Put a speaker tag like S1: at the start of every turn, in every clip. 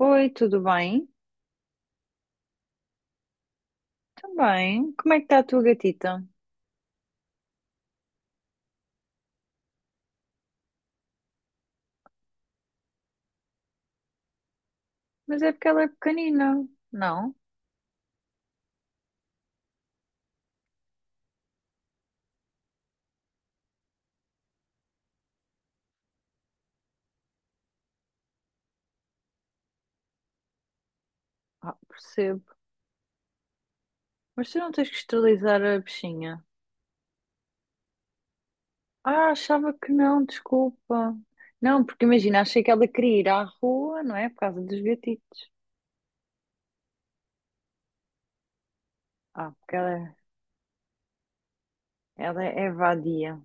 S1: Oi, tudo bem? Também. Como é que está a tua gatita? Mas é porque ela é pequenina. Não? Ah, percebo. Mas tu não tens que esterilizar a bichinha. Ah, achava que não, desculpa. Não, porque imagina, achei que ela queria ir à rua, não é? Por causa dos gatitos. Ah, porque ela é vadia.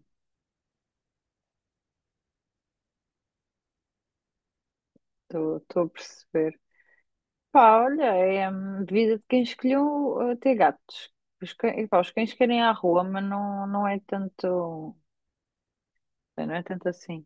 S1: Estou a perceber. Pá, olha, é vida de quem escolheu ter gatos. E pá, os cães querem ir à rua, mas não, não é tanto. Não é tanto assim.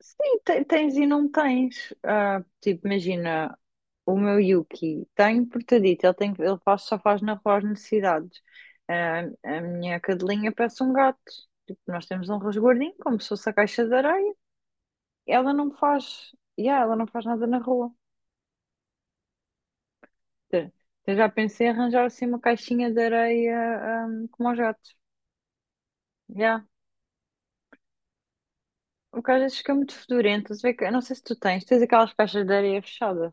S1: Sim, tens e não tens. Ah, tipo, imagina, o meu Yuki tem portadito, ele, tem, ele faz, só faz na rua as necessidades. Ah, a minha cadelinha parece um gato. Tipo, nós temos um resguardinho, como se fosse a caixa de areia. Ela não faz, yeah, ela não faz nada na rua. Te- Eu já pensei em arranjar assim uma caixinha de areia, como aos gatos. Yeah. O que às vezes fica muito fedorento. Se vê que- Eu não sei se tu tens aquelas caixas de areia fechadas.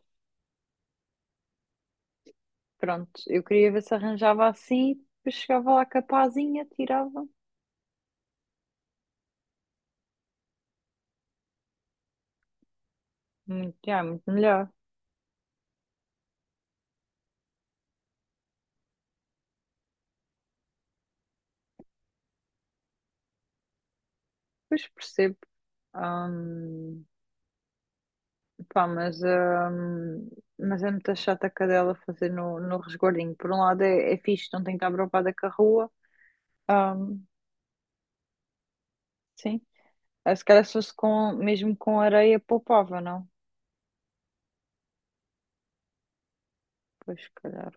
S1: Pronto, eu queria ver se arranjava assim, depois chegava lá capazinha tirava. Muito, já, muito melhor. Pois percebo. Ahm, Pá, mas é muito chata a cadela fazer no resguardinho. Por um lado é fixe, não tem que estar preocupada com a rua. Ahm, sim. Ah, se calhar se fosse com, mesmo com areia, poupava, não? Pois, se calhar.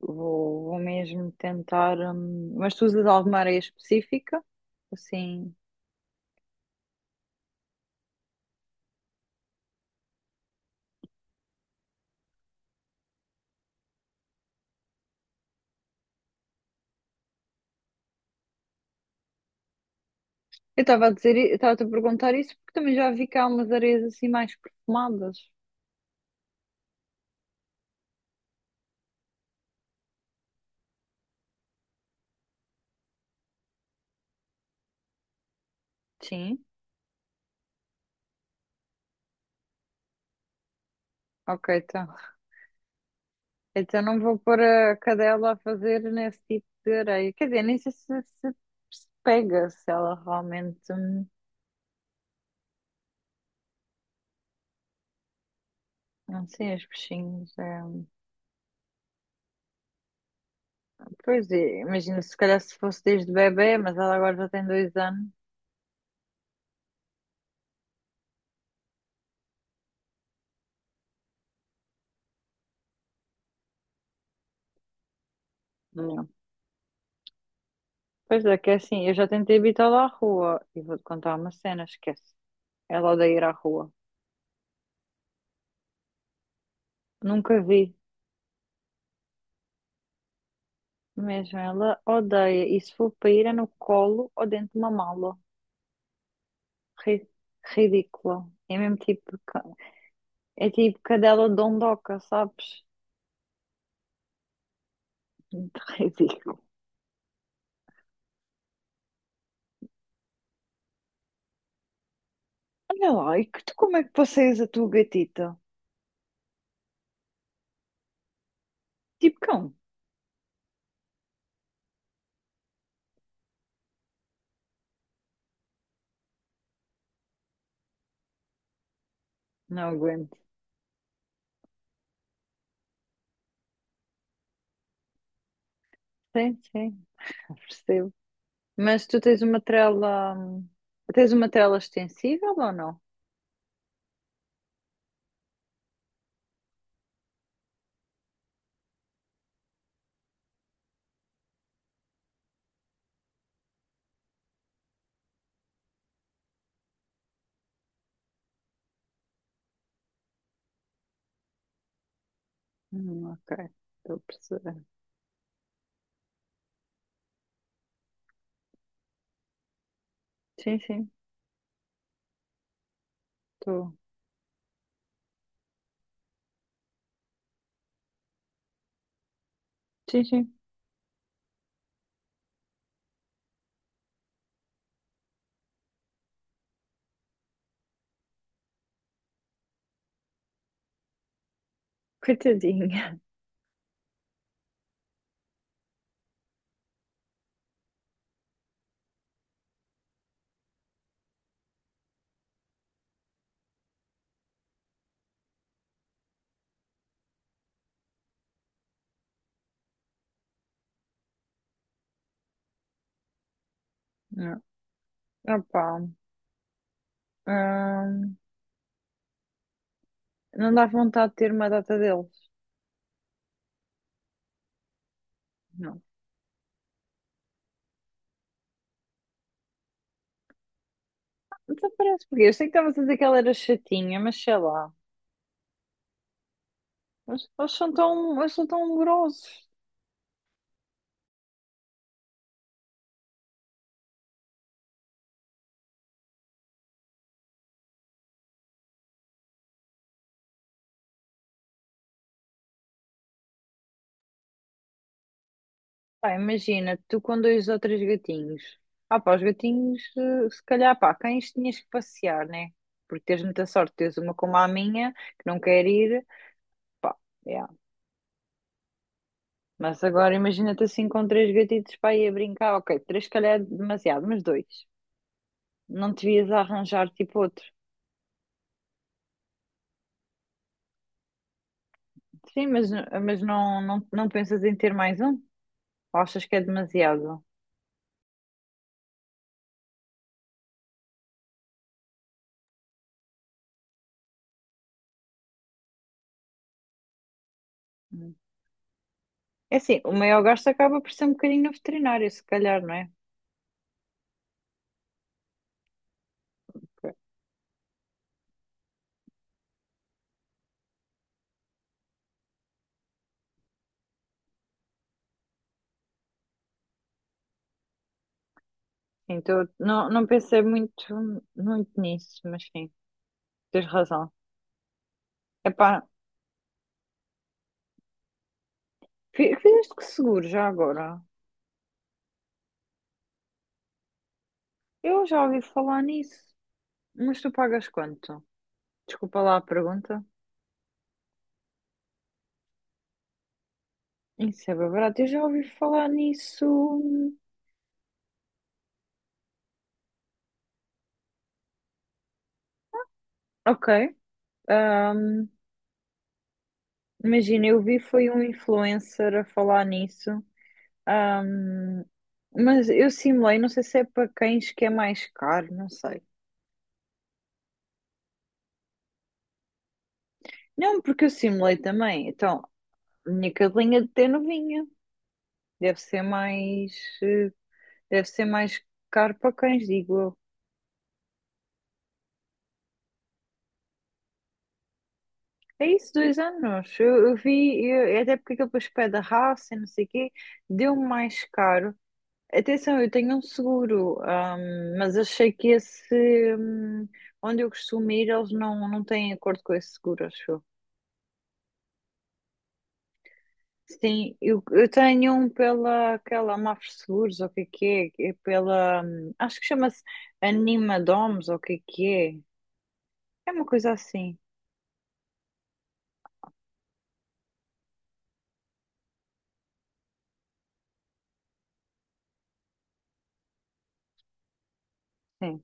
S1: Vou mesmo tentar. Mas tu usas alguma areia específica? Assim. Eu estava-te a perguntar isso porque também já vi que há umas areias assim mais perfumadas. Sim. Ok, então. Então não vou pôr a cadela a fazer nesse tipo de areia. Quer dizer, nem sei se pega, se ela realmente. Não sei, os peixinhos. Pois é, imagina se calhar se fosse desde bebê, mas ela agora já tem 2 anos. Não. Pois é, que é assim, eu já tentei habitá-la à rua e vou-te contar uma cena, esquece. Ela odeia ir à rua. Nunca vi. Mesmo ela odeia. E se for para ir é no colo ou dentro de uma mala. Ri- Ridícula. É mesmo tipo. É tipo cadela dondoca, sabes? Muito ridículo. Olha lá, e que tu como é que passeias a tua gatita? Tipo cão. Não aguento. Sim, sim, eu percebo. Mas tu tens uma trela. Tens uma trela extensível ou não? Ok, estou a perceber. Sim, sim, estou. Sim, sim. Coitadinha. Não. Opa. Não dá vontade de ter uma data deles. Não. Então parece porque eu sei que estavas a dizer que ela era chatinha, mas sei lá. Eles são tão grossos. Pá, imagina, tu com dois ou três gatinhos. Ah, pá, os gatinhos, se calhar, pá, cães tinhas que passear, né? Porque tens muita sorte, tens uma como a minha, que não quer ir, pá, yeah. Mas agora imagina-te assim com três gatitos para ir a brincar, ok, três se calhar é demasiado, mas dois. Não te vias a arranjar tipo outro. Sim, mas não, não, não pensas em ter mais um? Ou achas que é demasiado? Hum. É assim, o maior gasto acaba por ser um bocadinho no veterinário, se calhar, não é? Então, não, não pensei muito, muito nisso, mas sim, tens razão. Epá, fizeste que seguro já agora? Eu já ouvi falar nisso, mas tu pagas quanto? Desculpa lá a pergunta. Isso é bem barato, eu já ouvi falar nisso. Ok, ahm, imagina, eu vi foi um influencer a falar nisso. Ahm, mas eu simulei, não sei se é para cães que é mais caro, não sei. Não, porque eu simulei também. Então, a minha cadelinha de ter novinha. Deve ser mais, eh, deve ser mais caro para cães, digo eu. É isso, 2 anos. É até porque aquele depois pede a raça e não sei o quê, deu mais caro. Atenção, eu tenho um seguro, mas achei que esse, onde eu costumo ir, eles não, não têm acordo com esse seguro, acho eu. Sim, eu tenho um pela aquela Mafra Seguros, ou o que é, é pela, acho que chama-se Animadoms ou o que é, é uma coisa assim, sim.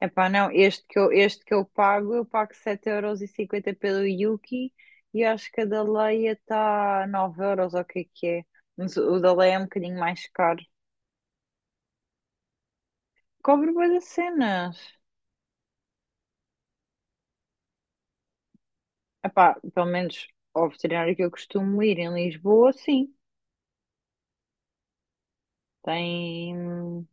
S1: Epá, não, este que eu pago 7,50 € pelo Yuki e acho que a da Leia está 9 € ou o que é, mas o da Leia é um bocadinho mais caro. Cobre bué das cenas. Epá, pelo menos ao veterinário que eu costumo ir em Lisboa, sim, tem.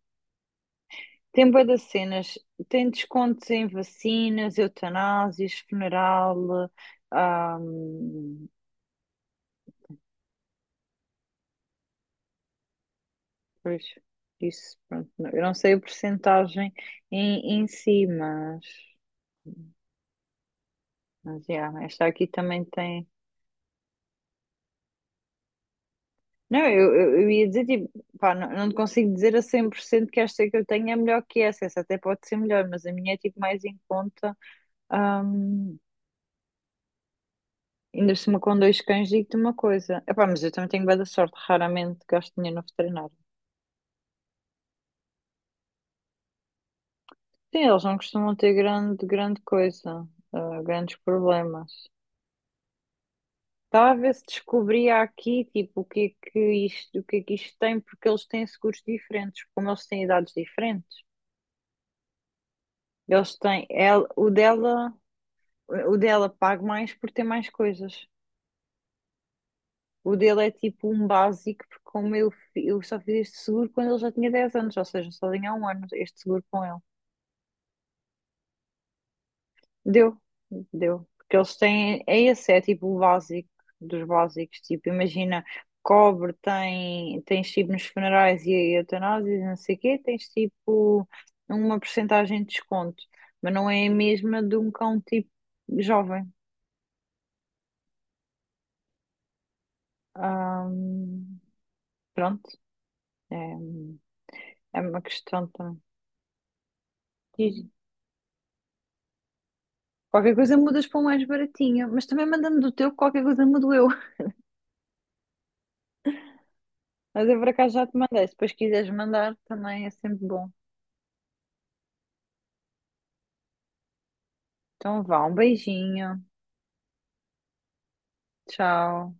S1: Tem bué das cenas, tem descontos em vacinas, eutanásias, funeral, ahm, pois, isso, pronto, eu não sei a percentagem em si, mas, yeah, esta aqui também tem, não, eu ia dizer, tipo, pá, não, não te consigo dizer a 100% que esta que eu tenho é melhor que essa até pode ser melhor, mas a minha é, tipo, mais em conta, ahm, ainda se uma com dois cães, digo-te uma coisa. Epá, mas eu também tenho bué da sorte, raramente gasto dinheiro no veterinário. Sim, eles não costumam ter grande, grande coisa, grandes problemas. Estava a ver se descobria aqui, tipo, o que é que isto, o que é que isto tem, porque eles têm seguros diferentes, como eles têm idades diferentes. Eles têm, ela, o dela paga mais por ter mais coisas. O dele é tipo um básico, porque como eu só fiz este seguro quando ele já tinha 10 anos, ou seja, só tinha há um ano este seguro com ele. Deu, deu. Porque eles têm, é esse, é tipo o básico dos básicos. Tipo, imagina, tens tipo nos funerais e eutanásias, e não sei o quê, tens tipo uma porcentagem de desconto, mas não é a mesma de um cão tipo jovem. Ahm, Pronto, é, é uma questão também. Diz. Qualquer coisa mudas para um mais baratinho, mas também mandando do teu, qualquer coisa mudo eu. Mas eu por acaso já te mandei, se depois quiseres mandar também é sempre bom. Então vá, um beijinho. Tchau.